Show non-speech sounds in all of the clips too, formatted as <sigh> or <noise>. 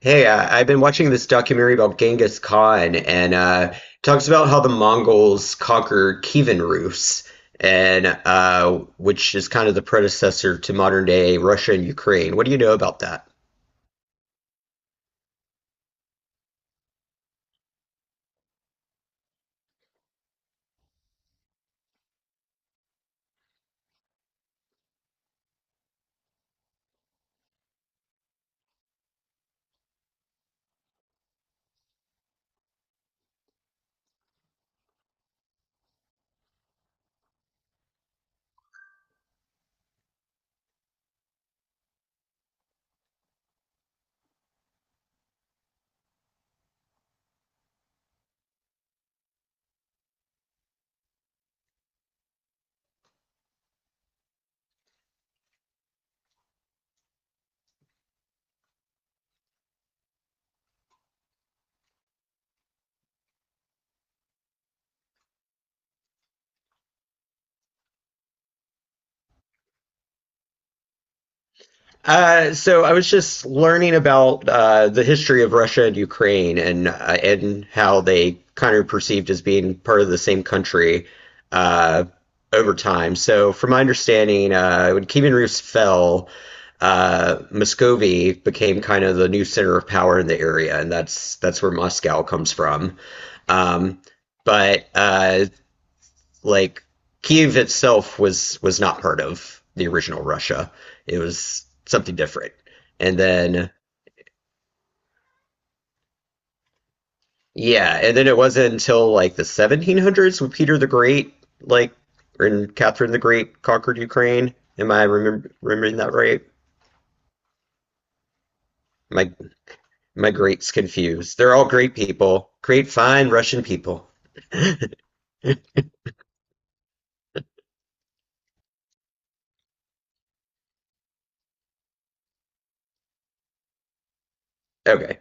Hey, I've been watching this documentary about Genghis Khan, and it talks about how the Mongols conquered Kievan Rus, and which is kind of the predecessor to modern day Russia and Ukraine. What do you know about that? So I was just learning about the history of Russia and Ukraine and how they kind of perceived as being part of the same country uh, over time. So from my understanding, when Kievan Rus fell, Muscovy became kind of the new center of power in the area, and that's where Moscow comes from. Um, but like Kiev itself was not part of the original Russia. It was something different. And then yeah, and then it wasn't until like the 1700s when Peter the Great, like, and Catherine the Great conquered Ukraine. Am I remembering that right? My my greats confused. They're all great people, great fine Russian people. Okay.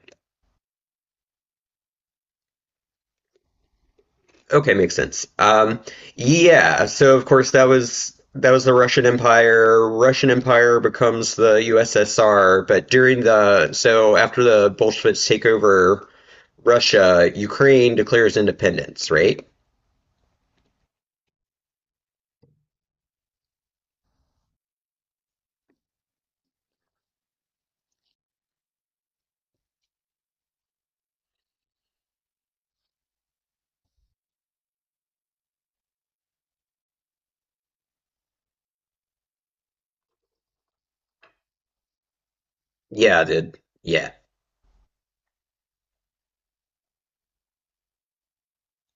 Okay, makes sense. Yeah, so of course that was the Russian Empire. Russian Empire becomes the USSR, but during the so after the Bolsheviks take over Russia, Ukraine declares independence, right? Yeah, did yeah,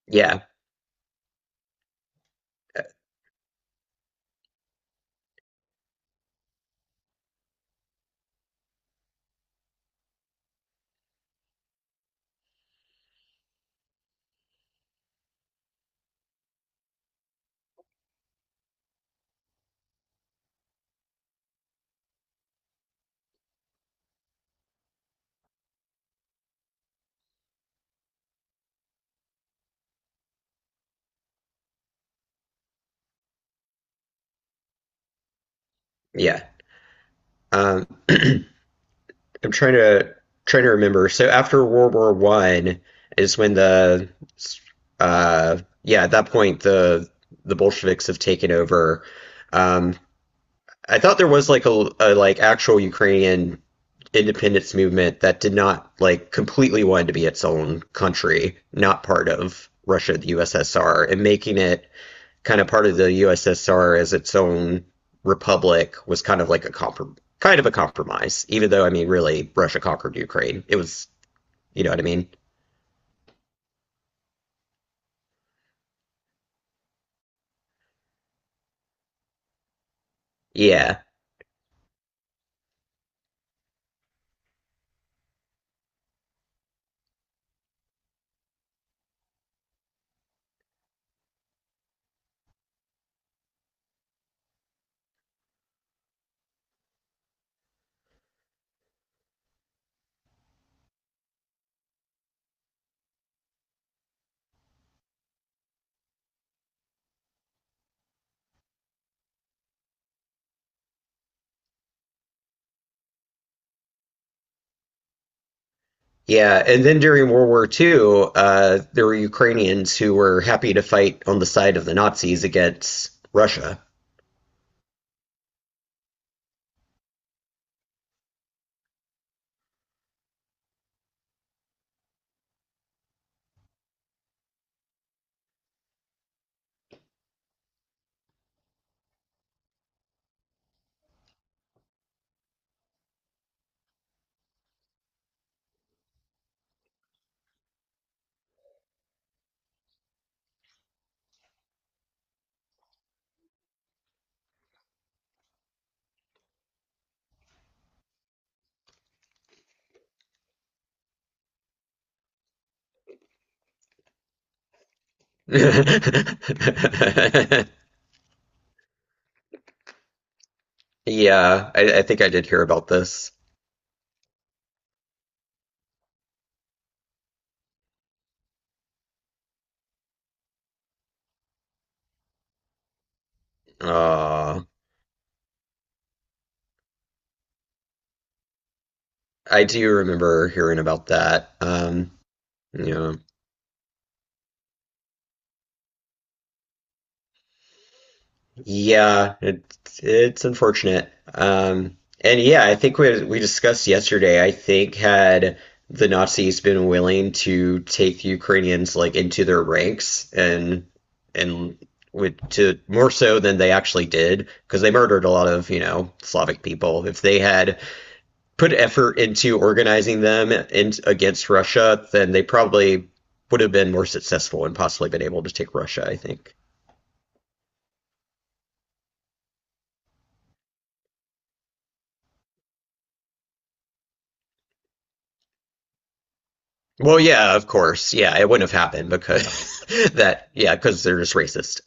yeah, uh, yeah. Um, I'm trying to remember. So after World War One is when the yeah at that point the Bolsheviks have taken over. Um, I thought there was like a like actual Ukrainian independence movement that did not like completely wanted to be its own country, not part of Russia, the USSR, and making it kind of part of the USSR as its own republic was kind of like kind of a compromise. Even though I mean, really, Russia conquered Ukraine. It was, you know what I mean? Yeah. Yeah, and then during World War Two, there were Ukrainians who were happy to fight on the side of the Nazis against Russia. <laughs> Yeah, I think I did hear about this. Uh, I do remember hearing about that. Yeah, yeah, it's unfortunate. And yeah, I think we discussed yesterday. I think had the Nazis been willing to take the Ukrainians like into their ranks and with to more so than they actually did, because they murdered a lot of, you know, Slavic people. If they had put effort into organizing them in, against Russia, then they probably would have been more successful and possibly been able to take Russia, I think. Well, yeah, of course. Yeah, it wouldn't have happened because <laughs> that, yeah, because they're just racist.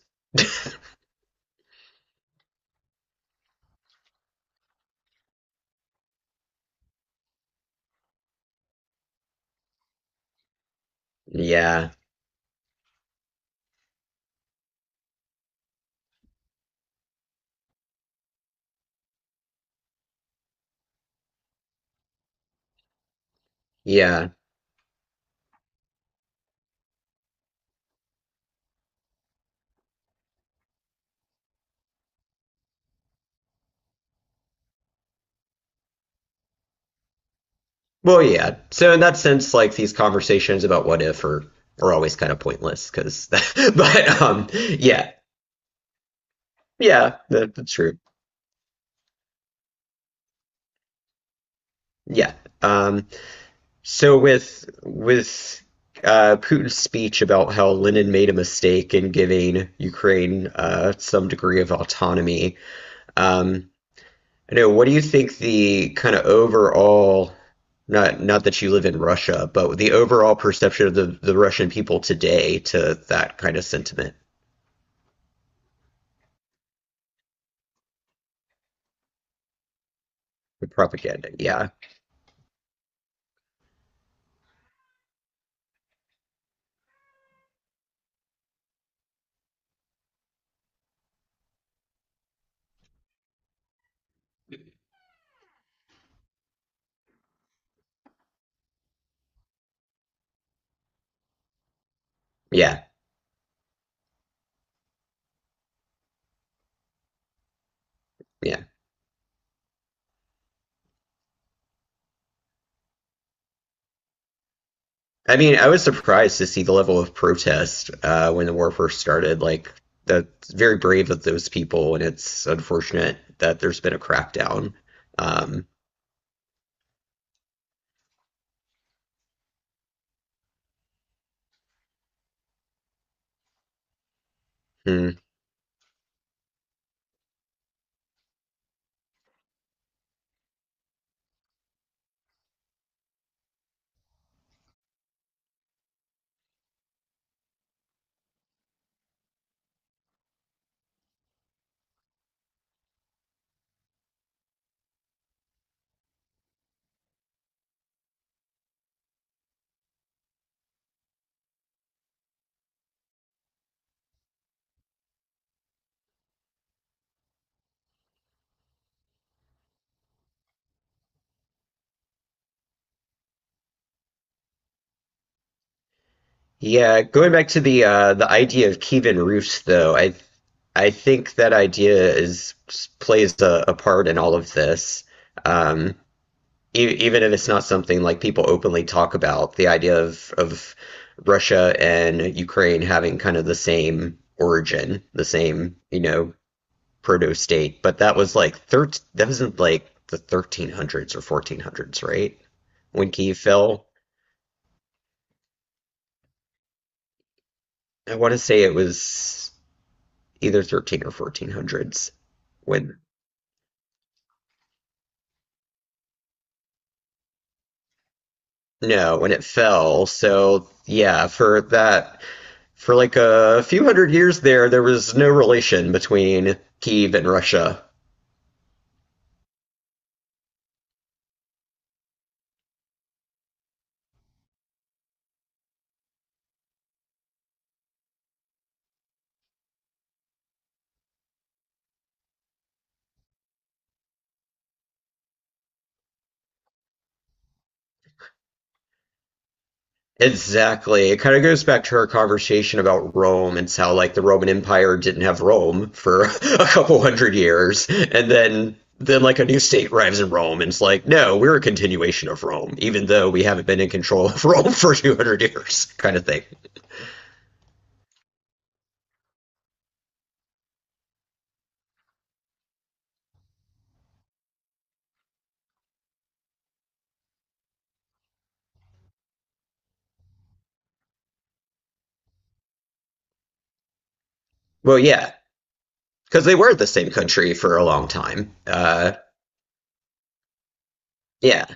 Yeah, yeah. Well, yeah. So in that sense, like these conversations about what if are, are always kind of pointless because, <laughs> but yeah, yeah, that, that's true. Yeah. Um, So with with Putin's speech about how Lenin made a mistake in giving Ukraine some degree of autonomy, um, I know, what do you think the kind of overall, not not that you live in Russia, but the overall perception of the Russian people today to that kind of sentiment, the propaganda? Yeah, yeah, yeah. I mean, I was surprised to see the level of protest when the war first started. Like, that's very brave of those people, and it's unfortunate that there's been a crackdown. Um. Hmm. Yeah, going back to the idea of Kievan roofs, though, I think that idea is plays a part in all of this. Um, Even if it's not something like people openly talk about, the idea of Russia and Ukraine having kind of the same origin, the same, you know, proto state. But that was like that wasn't like the 1300s or 1400s, right? When Kiev fell, I want to say it was either 13 or 1400s when no, when it fell. So yeah, for that for like a few hundred years there, there was no relation between Kiev and Russia. Exactly. It kind of goes back to our conversation about Rome and how like the Roman Empire didn't have Rome for <laughs> a couple hundred years, and then like a new state arrives in Rome and it's like, no, we're a continuation of Rome, even though we haven't been in control of Rome <laughs> for 200 years, kind of thing. Well, yeah, because they were the same country for a long time. Yeah,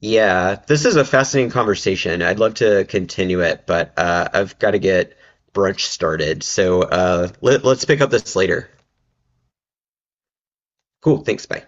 Yeah, this is a fascinating conversation. I'd love to continue it, but I've got to get brunch started. So let's pick up this later. Cool. Thanks. Bye.